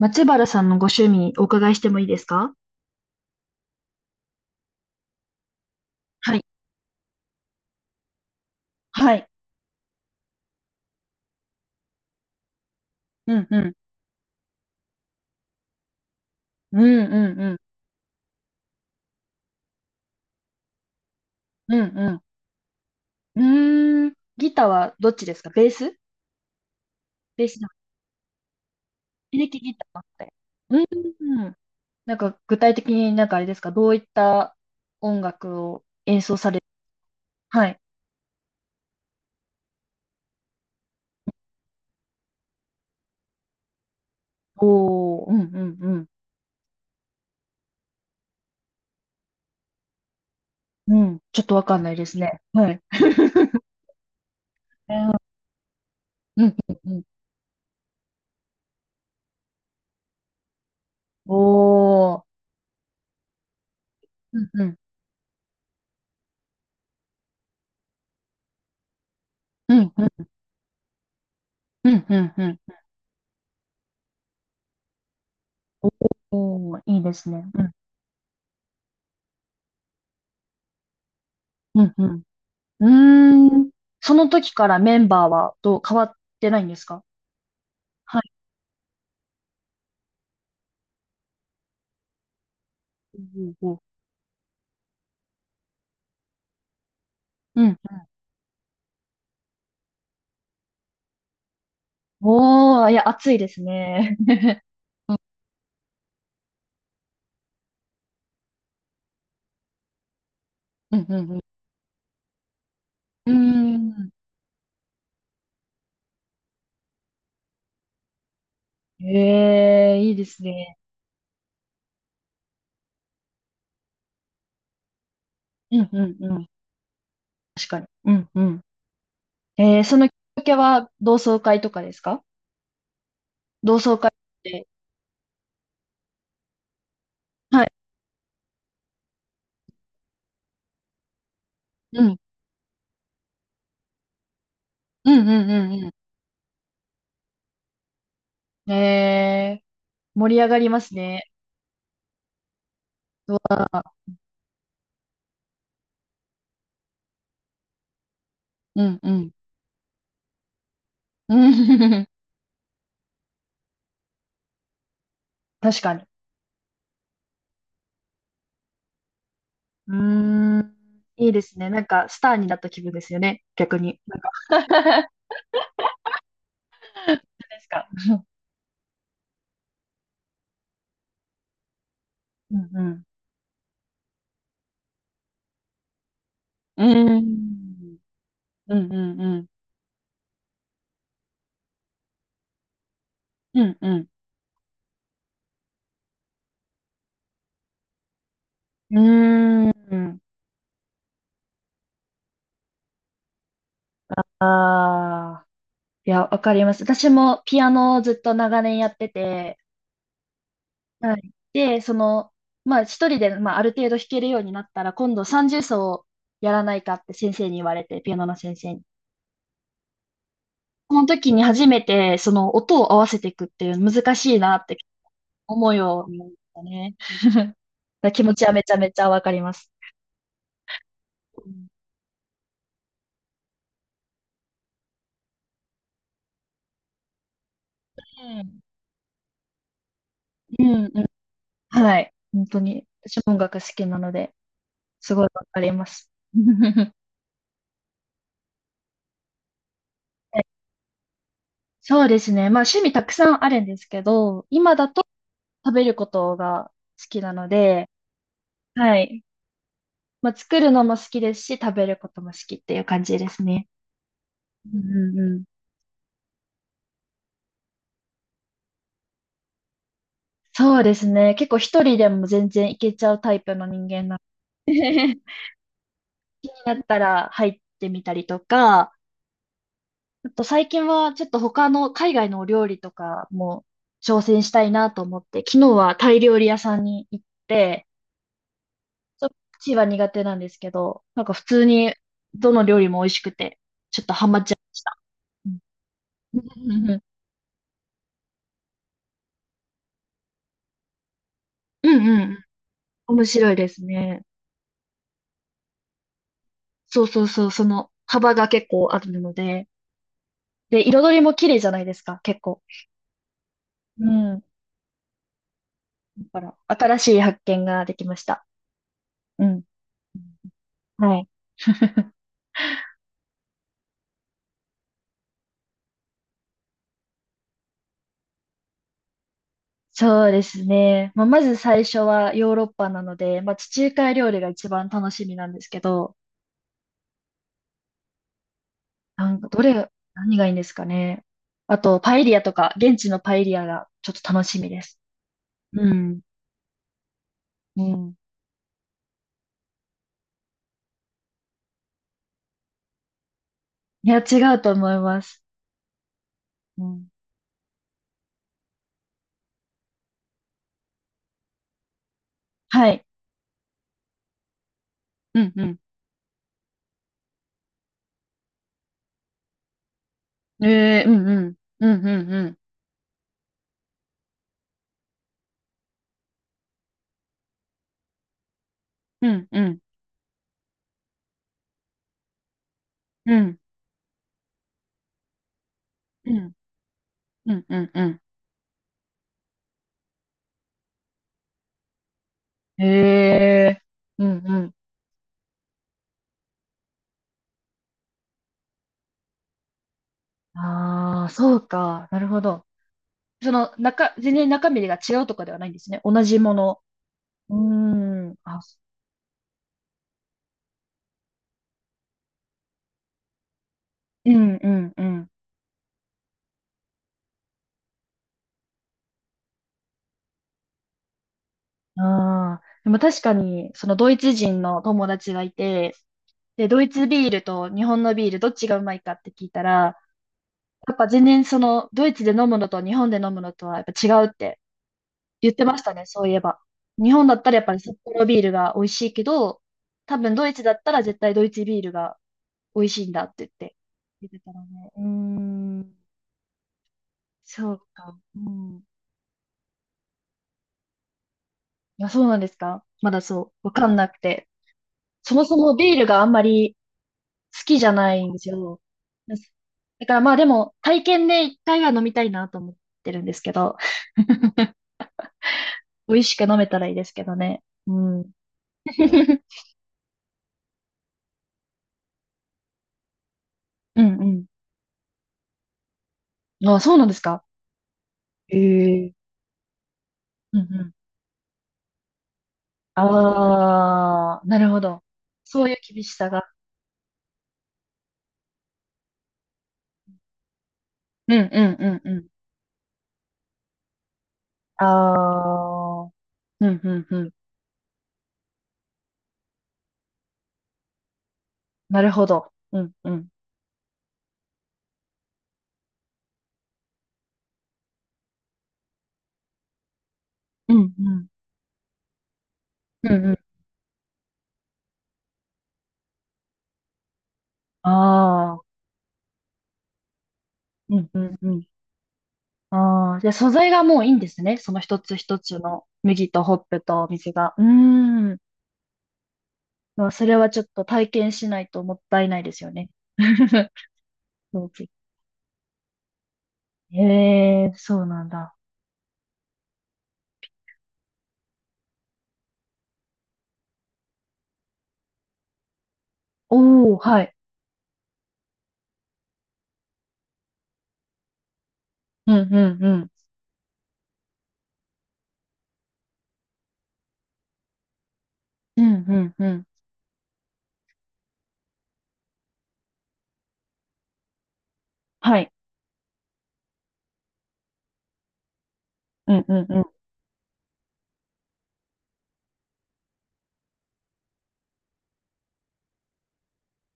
松原さんのご趣味お伺いしてもいいですか？はい。はい。うん、うん。うん、うん、うん。うん、うん。うーん。ギターはどっちですか？ベース。ベースだ。エレキギターって。うん、うん。なんか具体的に、なんかあれですか？どういった音楽を演奏される？はい。おー、うん、うん、うん。うん。ちょっとわかんないですね。はい。うん、うん、うん。おー。うん、うん。うん、うん、うん、うん。うん。おー、いいですね。うん、うん、うん。うーん。その時からメンバーはどう変わってないんですか？はい。うんうんうん。うん。おー、いや、暑いですね。うんうんうん。うーん。ええ、いいですね。うんうんうん。確かに。うんうん。そのきっかけは同窓会とかですか？同窓会って。はい。うん。うんうんうんうん。盛り上がりますね。うわー、うんうん。うん。 確かに。うーん、いいですね。なんか、スターになった気分ですよね。逆に。なんか、ですか。うんうん。うーん、うんうん。うんうん。うん。うーん。ああ。いや、わかります。私もピアノをずっと長年やってて、はい。で、その、まあ一人で、まあ、ある程度弾けるようになったら、今度30奏をやらないかって先生に言われて、ピアノの先生に。その時に初めて、その音を合わせていくっていう難しいなって思いを見ましたね。だから気持ちはめちゃめちゃわかります。うん。うんうん。はい。本当に。私も音楽好きなので、すごいわかります。えそうですね。まあ趣味たくさんあるんですけど、今だと食べることが好きなので、はい。まあ作るのも好きですし、食べることも好きっていう感じですね。うんうんうん。そうですね。結構一人でも全然いけちゃうタイプの人間なので、だったら入ってみたりとか、あと最近はちょっと他の海外のお料理とかも挑戦したいなと思って、昨日はタイ料理屋さんに行って、ちょっとチーは苦手なんですけど、なんか普通にどの料理も美味しくて、ちょっとハマっちゃいました。うんうんうんうん。うんうん。面白いですね。そうそうそう、その幅が結構あるので、で、彩りも綺麗じゃないですか、結構。うん。だから、新しい発見ができました。うん。はい。そうですね。まあ、まず最初はヨーロッパなので、まあ、地中海料理が一番楽しみなんですけど、なんかどれ、何がいいんですかね。あと、パエリアとか、現地のパエリアがちょっと楽しみです。うん。うん。いや、違うと思います。うん。はい。うんうん。えー、うんうん。うんうんうん。うんうん。うんうんうんうん。えー、うんうん。ああ、そうか。なるほど。その中、全然中身が違うとかではないんですね。同じもの。うーん。あ、うんうんうん。ああ。でも確かに、そのドイツ人の友達がいて、で、ドイツビールと日本のビールどっちがうまいかって聞いたら、やっぱ全然そのドイツで飲むのと日本で飲むのとはやっぱ違うって言ってましたね、そういえば。日本だったらやっぱり札幌ビールが美味しいけど、多分ドイツだったら絶対ドイツビールが美味しいんだって言ってたのね。うーん。そうか。うん。あ、そうなんですか？まだそう、わかんなくて。そもそもビールがあんまり好きじゃないんですよ。だからまあでも、体験で一回は飲みたいなと思ってるんですけど、美味しく飲めたらいいですけどね。うん。うんうん。あ、そうなんですか？ええ、うんうん。ああ、なるほど。そういう厳しさが。うんうんうんうん。ああ、うんうんうん。なるほど。うんうん。うんうん。うんうん。ああ、うんうんうん。ああ、じゃあ素材がもういいんですね。その一つ一つの麦とホップと水が。うーん。まあ、それはちょっと体験しないともったいないですよね。そうです。ええ、そうなんだ。おお、はい。うんうんうん。うんうんうん。はい。うんうんうん。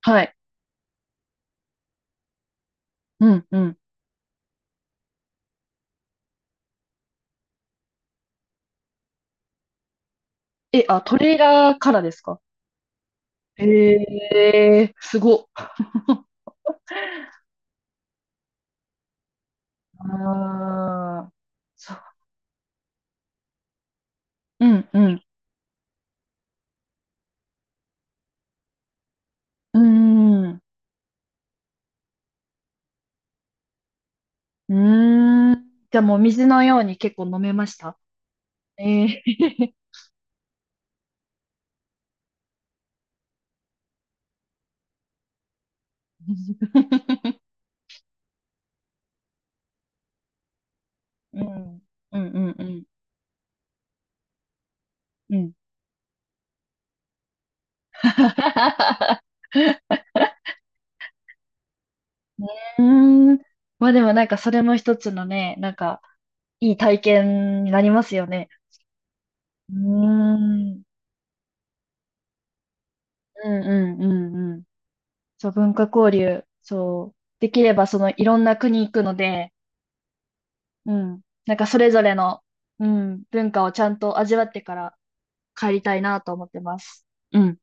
はい。うんうん。え、あ、トレーラーからですか？ええ、すごっ。ああ、そう。うんうん。うーん。うーん。じゃあもう水のように結構飲めました？ええ、うん。うんうんうんうん。うん。うーん。まあでもなんかそれも一つのね、なんかいい体験になりますよね。うーん。うんうんうんうん。そう、文化交流。そう。できればそのいろんな国行くので、うん。なんかそれぞれの、うん、文化をちゃんと味わってから帰りたいなと思ってます。うん。